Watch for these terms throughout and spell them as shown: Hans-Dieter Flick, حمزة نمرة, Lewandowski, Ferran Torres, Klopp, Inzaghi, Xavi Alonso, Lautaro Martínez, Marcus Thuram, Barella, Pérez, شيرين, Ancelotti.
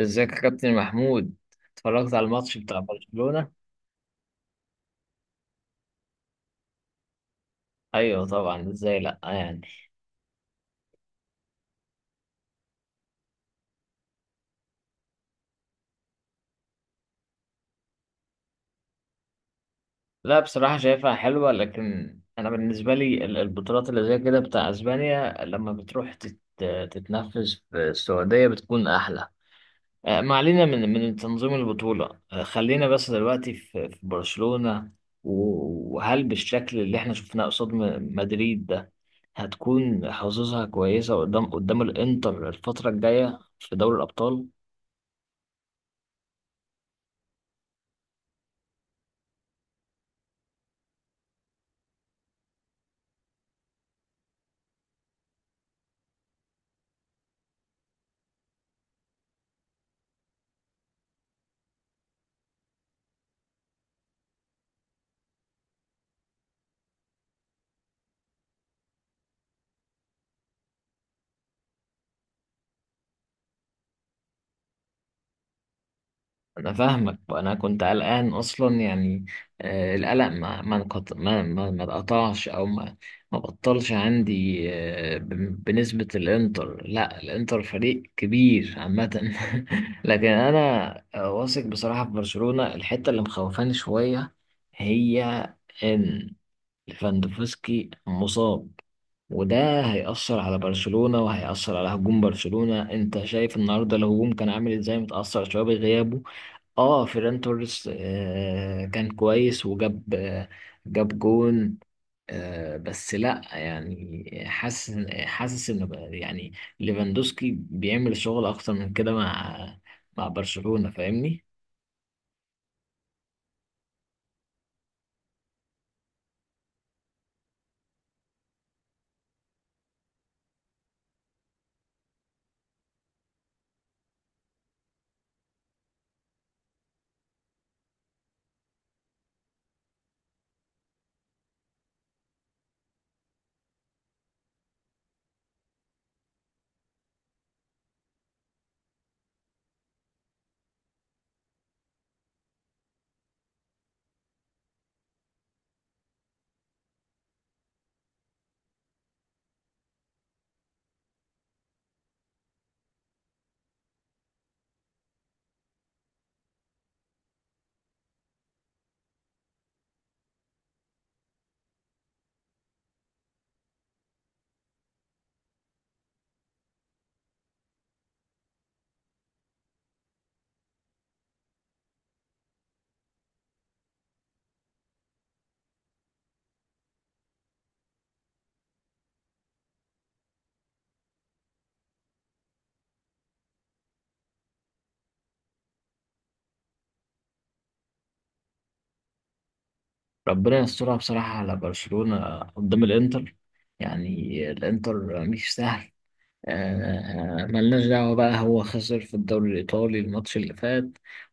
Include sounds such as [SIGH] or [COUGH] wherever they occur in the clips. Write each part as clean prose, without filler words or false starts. ازيك يا كابتن محمود؟ اتفرجت على الماتش بتاع برشلونة؟ ايوه طبعا، ازاي لا يعني. لا بصراحة شايفها حلوة، لكن انا بالنسبة لي البطولات اللي زي كده بتاع اسبانيا لما بتروح تتنفذ في السعودية بتكون احلى. ما علينا من تنظيم البطولة. خلينا بس دلوقتي في برشلونة. وهل بالشكل اللي احنا شفناه قصاد مدريد ده هتكون حظوظها كويسة قدام الانتر الفترة الجاية في دوري الأبطال؟ انا فاهمك، انا كنت قلقان اصلا يعني. القلق ما اتقطعش او ما بطلش عندي. بنسبة الانتر، لا الانتر فريق كبير عامة [LAUGHS] لكن انا واثق بصراحة في برشلونة. الحتة اللي مخوفاني شوية هي ان ليفاندوفسكي مصاب، وده هيأثر على برشلونة وهيأثر على هجوم برشلونة. انت شايف النهاردة الهجوم كان عامل ازاي، متأثر شوية بغيابه؟ اه فيران توريس آه كان كويس وجاب آه جاب جون. آه بس لا يعني، حاسس ان يعني ليفاندوسكي بيعمل شغل اكتر من كده مع مع برشلونة، فاهمني؟ ربنا يسترها بصراحة على برشلونة قدام الانتر. يعني الانتر مش سهل. ملناش دعوة بقى، هو خسر في الدوري الإيطالي الماتش اللي فات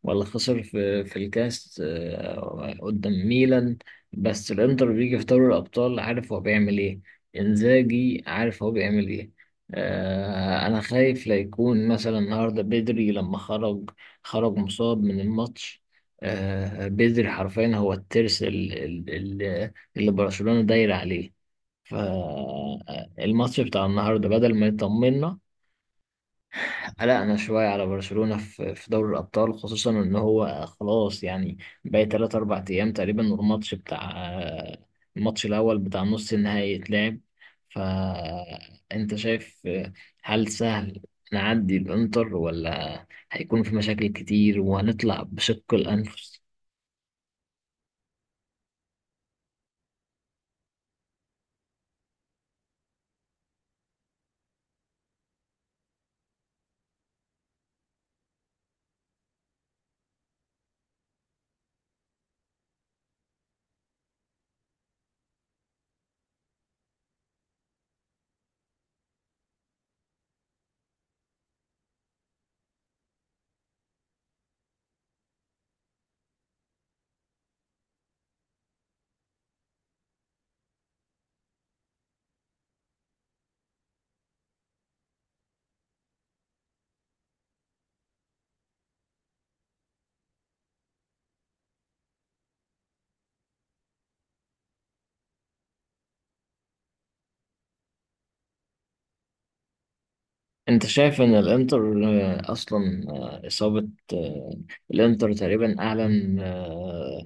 ولا خسر في الكاس قدام ميلان، بس الإنتر بيجي في دوري الأبطال عارف هو بيعمل إيه. إنزاجي عارف هو بيعمل إيه. أنا خايف لا يكون مثلا النهاردة بدري لما خرج، خرج مصاب من الماتش. بدري حرفيا هو الترس اللي برشلونة داير عليه. فالماتش بتاع النهاردة بدل ما يطمنا قلقنا شوية على برشلونة في دوري الأبطال، خصوصا إن هو خلاص يعني باقي تلات أربع أيام تقريبا، والماتش بتاع الماتش الأول بتاع نص النهائي يتلعب. فأنت شايف، هل سهل نعدي الإنتر ولا هيكون في مشاكل كتير وهنطلع بشق الأنفس؟ أنت شايف إن الإنتر أصلا آه، إصابة آه، الإنتر تقريبا أعلن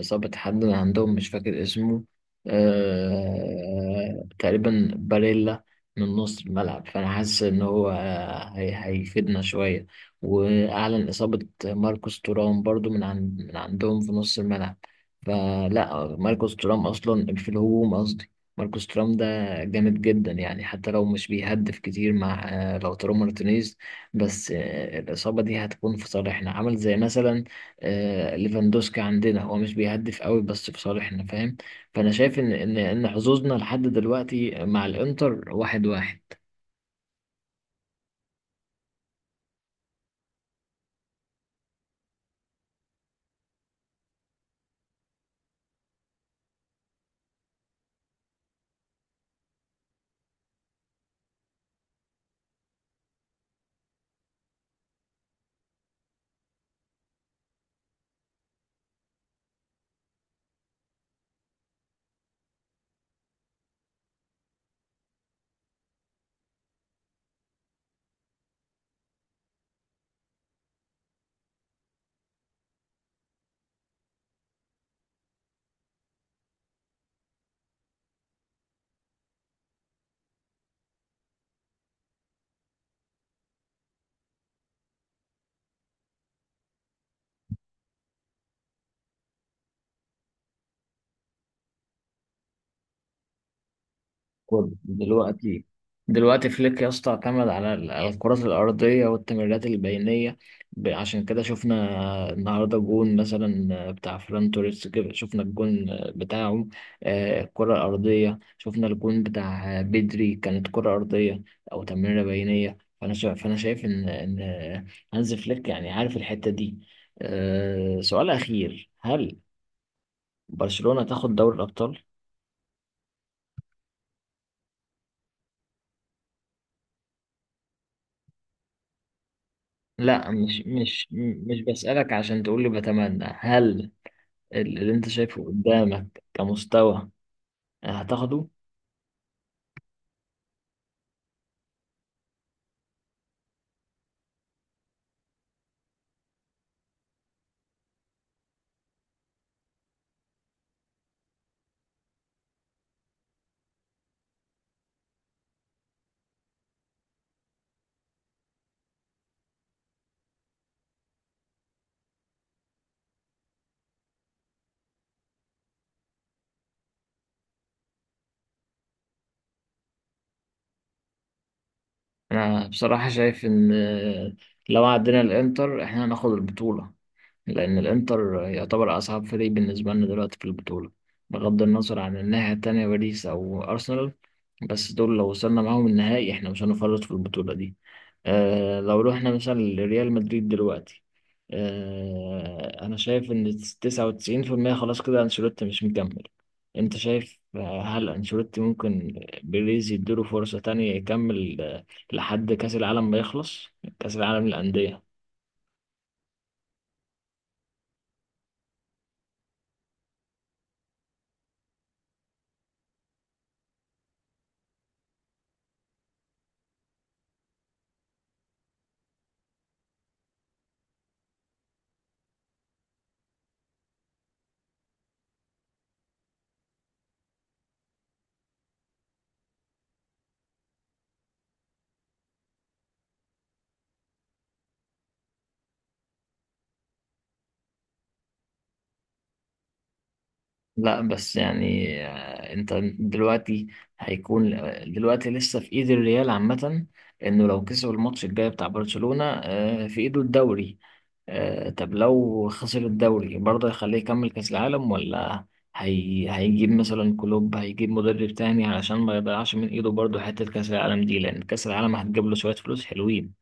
ظابط حد عندهم مش فاكر اسمه، تقريبا باريلا، من نص الملعب. فأنا حاسس إن هو هيفيدنا شوية. وأعلن إصابة ماركوس تورام برضو من عندهم في نص الملعب. فلا، ماركوس تورام أصلا في الهجوم، قصدي ماركوس تورام ده جامد جدا، يعني حتى لو مش بيهدف كتير مع لو تورام مارتينيز. بس الإصابة دي هتكون في صالحنا، عمل زي مثلا ليفاندوسكي عندنا هو مش بيهدف قوي بس في صالحنا، فاهم؟ فانا شايف ان حظوظنا لحد دلوقتي مع الانتر واحد واحد. خد دلوقتي، دلوقتي فليك يا اسطى اعتمد على على الكرات الأرضية والتمريرات البينية. عشان كده شفنا النهاردة جون مثلا بتاع فران توريس، كده شفنا الجون بتاعه الكرة الأرضية، شفنا الجون بتاع بدري كانت كرة أرضية أو تمريرة بينية. فأنا شايف إن إن هانز فليك يعني عارف الحتة دي. سؤال أخير، هل برشلونة تاخد دوري الأبطال؟ لا، مش بسألك عشان تقول لي بتمنى، هل اللي انت شايفه قدامك كمستوى هتاخده؟ انا بصراحة شايف ان لو عدينا الانتر احنا هناخد البطولة، لان الانتر يعتبر اصعب فريق بالنسبة لنا دلوقتي في البطولة بغض النظر عن الناحية التانية باريس او ارسنال. بس دول لو وصلنا معاهم النهائي احنا مش هنفرط في البطولة دي. آه، لو رحنا مثلا لريال مدريد دلوقتي، آه أنا شايف إن 99% خلاص كده أنشيلوتي مش مكمل. أنت شايف هل أنشيلوتي ممكن بيريز يديله فرصة تانية يكمل لحد كأس العالم ما يخلص، كأس العالم للأندية؟ لا بس يعني آه، انت دلوقتي هيكون آه، دلوقتي لسه في ايد الريال عامة، انه لو كسب الماتش الجاي بتاع برشلونة في ايده الدوري. طب لو خسر الدوري برضه هيخليه يكمل كأس العالم ولا هيجيب مثلا كلوب، هيجيب مدرب تاني علشان ما يضيعش من ايده برضه حتة كأس العالم دي، لأن كأس العالم هتجيب له شوية فلوس حلوين.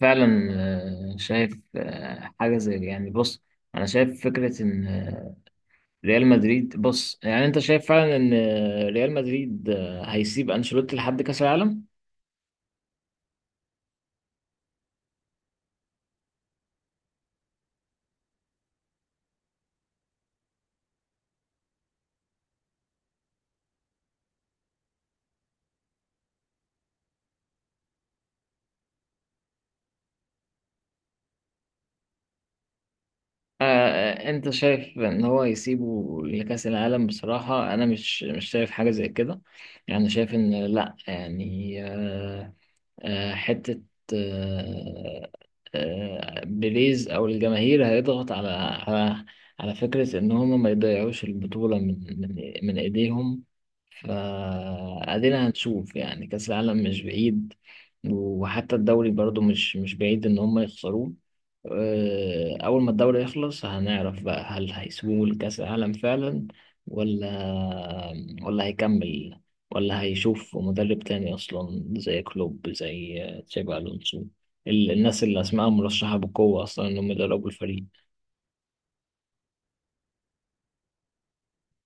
فعلا. شايف حاجة زي يعني بص، أنا شايف فكرة إن ريال مدريد، بص يعني انت شايف فعلا ان ريال مدريد هيسيب انشيلوتي لحد كاس العالم. انت شايف ان هو هيسيبه لكاس العالم؟ بصراحة انا مش شايف حاجة زي كده. يعني شايف ان لا، يعني آه آه حتة آه آه بيريز او الجماهير هيضغط على على فكرة ان هم ما يضيعوش البطولة من ايديهم. فادينا هنشوف، يعني كأس العالم مش بعيد، وحتى الدوري برضو مش بعيد ان هم يخسروه. اول ما الدوري يخلص هنعرف بقى، هل هيسيبوه لكأس العالم فعلا ولا ولا هيكمل، ولا هيشوف مدرب تاني اصلا زي كلوب زي تشابي الونسو، الناس اللي اسمائهم مرشحة بقوة اصلا انهم يدربوا الفريق.